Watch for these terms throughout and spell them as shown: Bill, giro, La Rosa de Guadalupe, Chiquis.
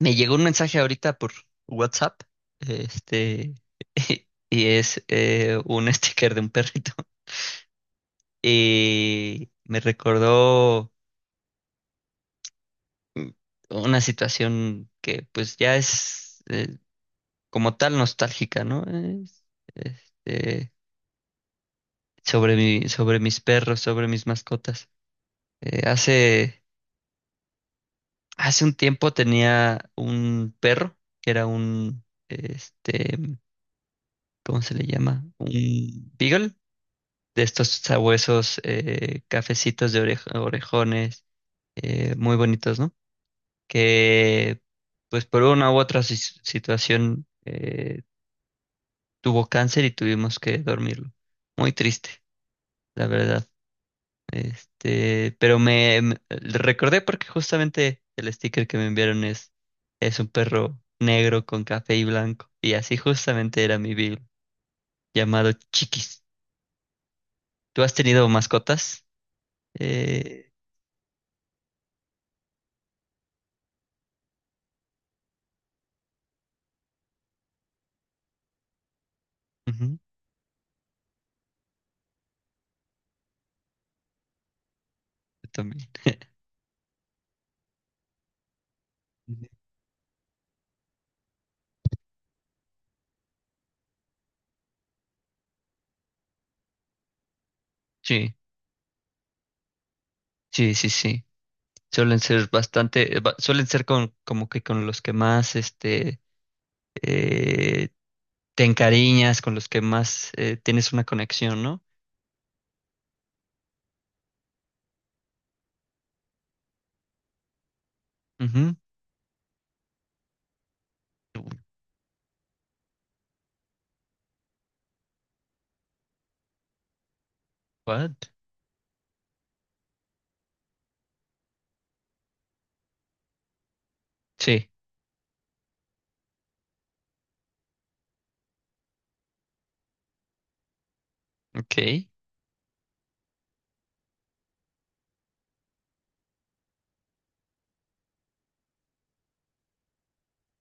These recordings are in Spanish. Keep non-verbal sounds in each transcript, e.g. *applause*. Me llegó un mensaje ahorita por WhatsApp, este, *laughs* y es un *laughs* sticker de un perrito. *laughs* Y me recordó una situación que pues ya es como tal nostálgica, ¿no? Es, este, sobre mis perros, sobre mis mascotas. Eh, hace, hace un tiempo tenía un perro que era este, ¿cómo se le llama? Un beagle de estos sabuesos cafecitos de orejones, muy bonitos, ¿no? Que pues por una u otra situación tuvo cáncer y tuvimos que dormirlo. Muy triste, la verdad. Recordé porque justamente el sticker que me enviaron es un perro negro con café y blanco. Y así justamente era mi Bill, llamado Chiquis. ¿Tú has tenido mascotas? Eh, ujú, yo también. Sí, sí, sí, sí. Suelen ser bastante, suelen ser como que con los que más, eh, te encariñas, con los que más tienes una conexión, ¿no? Ujú. What? Sí, ok.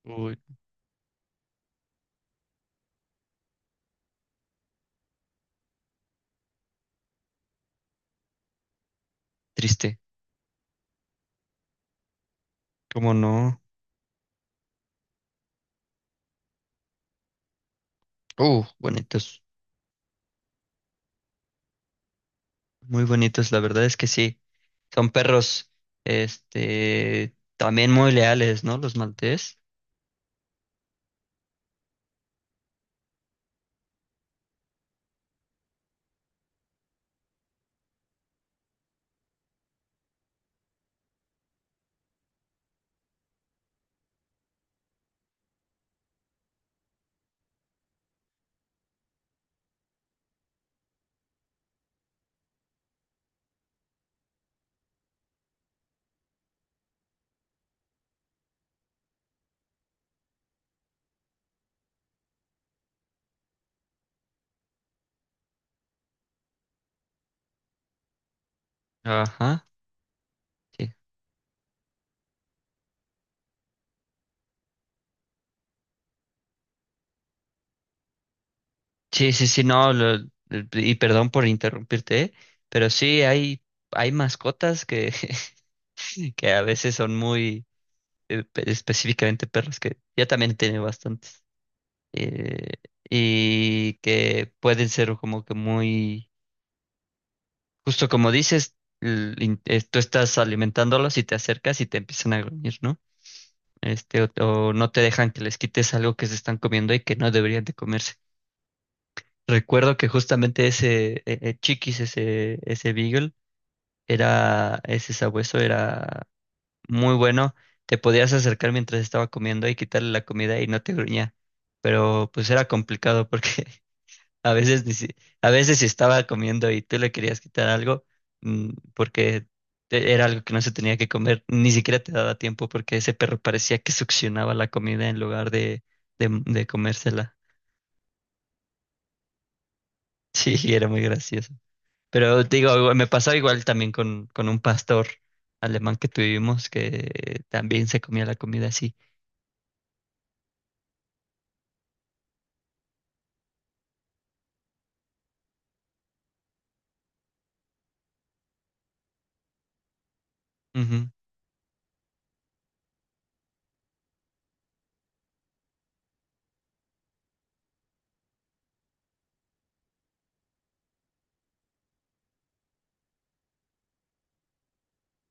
Uy, triste. ¿Cómo no? Bonitos, muy bonitos, la verdad es que sí. Son perros, también muy leales, ¿no? Los maltés. Ajá. Sí. Sí, sí, sí, no, y perdón por interrumpirte, ¿eh? Pero hay mascotas que, *laughs* que a veces son muy, específicamente perros, que yo también he tenido bastantes, eh, y que pueden ser como que muy, justo como dices, tú estás alimentándolos y te acercas y te empiezan a gruñir, ¿no? O o, no te dejan que les quites algo que se están comiendo y que no deberían de comerse. Recuerdo que justamente ese Chiquis, ese Beagle, era, ese sabueso era muy bueno. Te podías acercar mientras estaba comiendo y quitarle la comida y no te gruñía. Pero pues era complicado porque *laughs* a veces ni si- a veces si estaba comiendo y tú le querías quitar algo, porque era algo que no se tenía que comer, ni siquiera te daba tiempo porque ese perro parecía que succionaba la comida en lugar de comérsela. *laughs* Sí, era muy gracioso. Pero te digo, me pasaba igual también con un pastor alemán que tuvimos que también se comía la comida así. Ujú.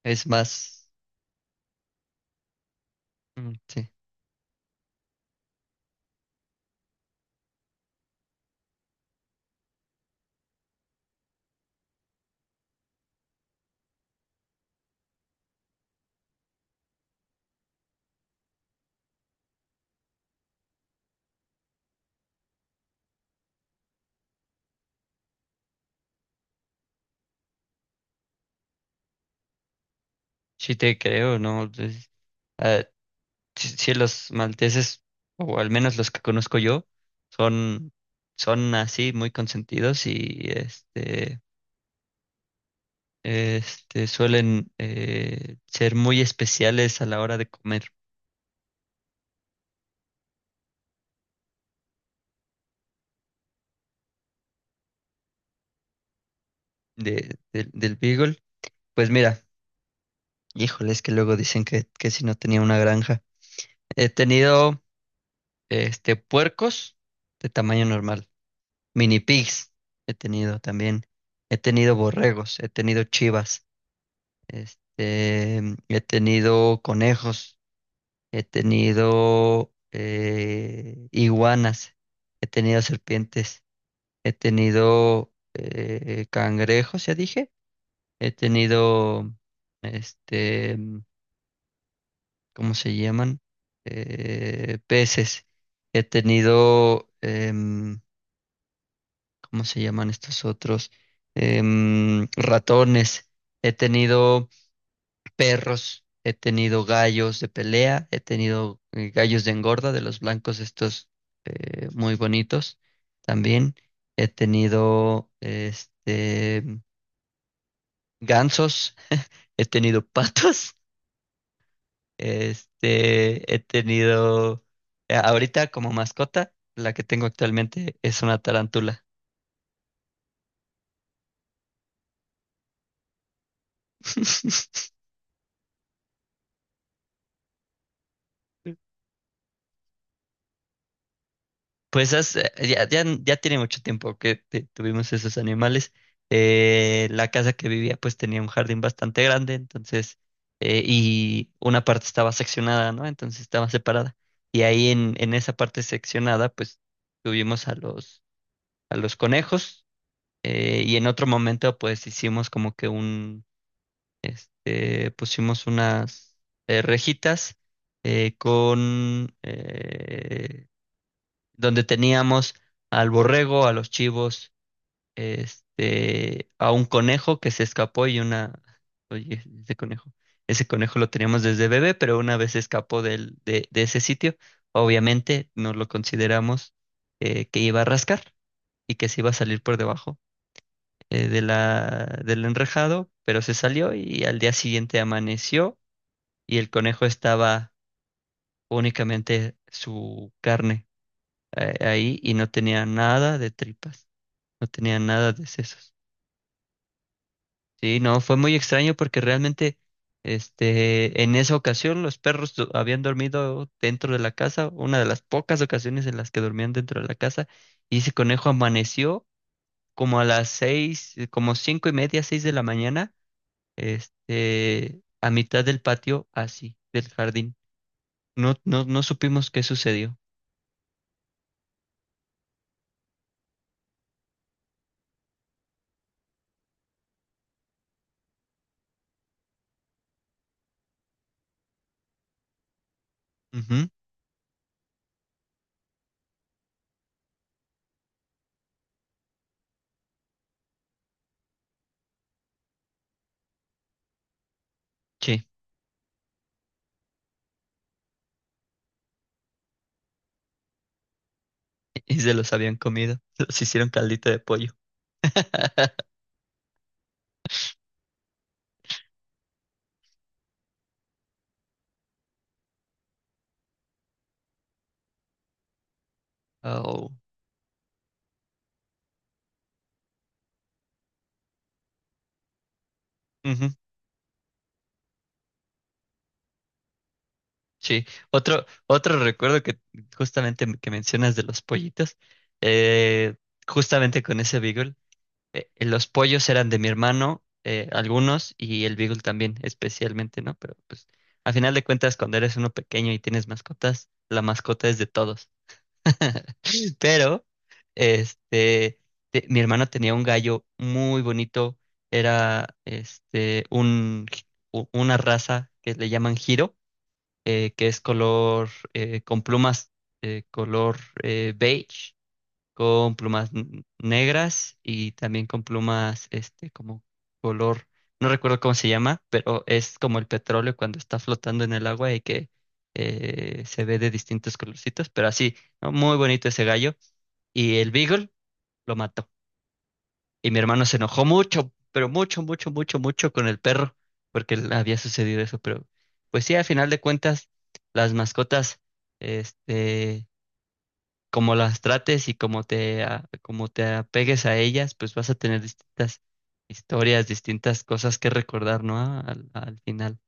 Es más, sí, sí te creo, ¿no? Ah, sí, sí los malteses, o al menos los que conozco yo, son, son así muy consentidos y este suelen ser muy especiales a la hora de comer del Beagle. Pues mira. Híjole, es que luego dicen que si no tenía una granja. He tenido puercos de tamaño normal, mini pigs he tenido también. He tenido borregos, he tenido chivas, este, he tenido conejos, he tenido iguanas, he tenido serpientes, he tenido cangrejos, ya dije, he tenido este ¿cómo se llaman? Peces. He tenido, em, ¿Cómo se llaman estos otros? Ratones. He tenido perros. He tenido gallos de pelea. He tenido gallos de engorda, de los blancos estos muy bonitos. También he tenido gansos. He tenido *laughs* patos. Este, he tenido, ahorita como mascota, la que tengo actualmente es una tarántula. *laughs* Pues ya tiene mucho tiempo que tuvimos esos animales. La casa que vivía pues tenía un jardín bastante grande, entonces, y una parte estaba seccionada, ¿no? Entonces estaba separada. Y ahí en esa parte seccionada pues tuvimos a los conejos y en otro momento pues hicimos como que, pusimos unas rejitas con donde teníamos al borrego, a los chivos, a un conejo que se escapó y una, oye, ese conejo lo teníamos desde bebé, pero una vez se escapó de ese sitio, obviamente nos lo consideramos que iba a rascar y que se iba a salir por debajo del enrejado, pero se salió y al día siguiente amaneció y el conejo estaba únicamente su carne ahí y no tenía nada de tripas, no tenía nada de sesos. Sí, no, fue muy extraño porque realmente en esa ocasión los perros habían dormido dentro de la casa, una de las pocas ocasiones en las que dormían dentro de la casa, y ese conejo amaneció como a las seis, como cinco y media, seis de la mañana, a mitad del patio, así, del jardín. No supimos qué sucedió. Ujú, sí, *laughs* y se los habían comido. *laughs* Los hicieron caldito de pollo. *laughs* Oh, ujú, sí. Otro recuerdo que justamente que mencionas de los pollitos, eh, justamente con ese Beagle, los pollos eran de mi hermano, algunos, y el Beagle también, especialmente, ¿no? Pero pues, a final de cuentas, cuando eres uno pequeño y tienes mascotas, la mascota es de todos. Pero, este, mi hermano tenía un gallo muy bonito, era una raza que le llaman giro, que es color, con plumas, color beige, con plumas negras y también con plumas, como color, no recuerdo cómo se llama, pero es como el petróleo cuando está flotando en el agua y que se ve de distintos colorcitos, pero así, ¿no? Muy bonito ese gallo y el Beagle lo mató. Y mi hermano se enojó mucho, pero mucho, mucho, mucho, mucho con el perro, porque le había sucedido eso. Pero pues sí, a final de cuentas, las mascotas, este, como las trates y como te apegues a ellas, pues vas a tener distintas historias, distintas cosas que recordar, ¿no? Al al final.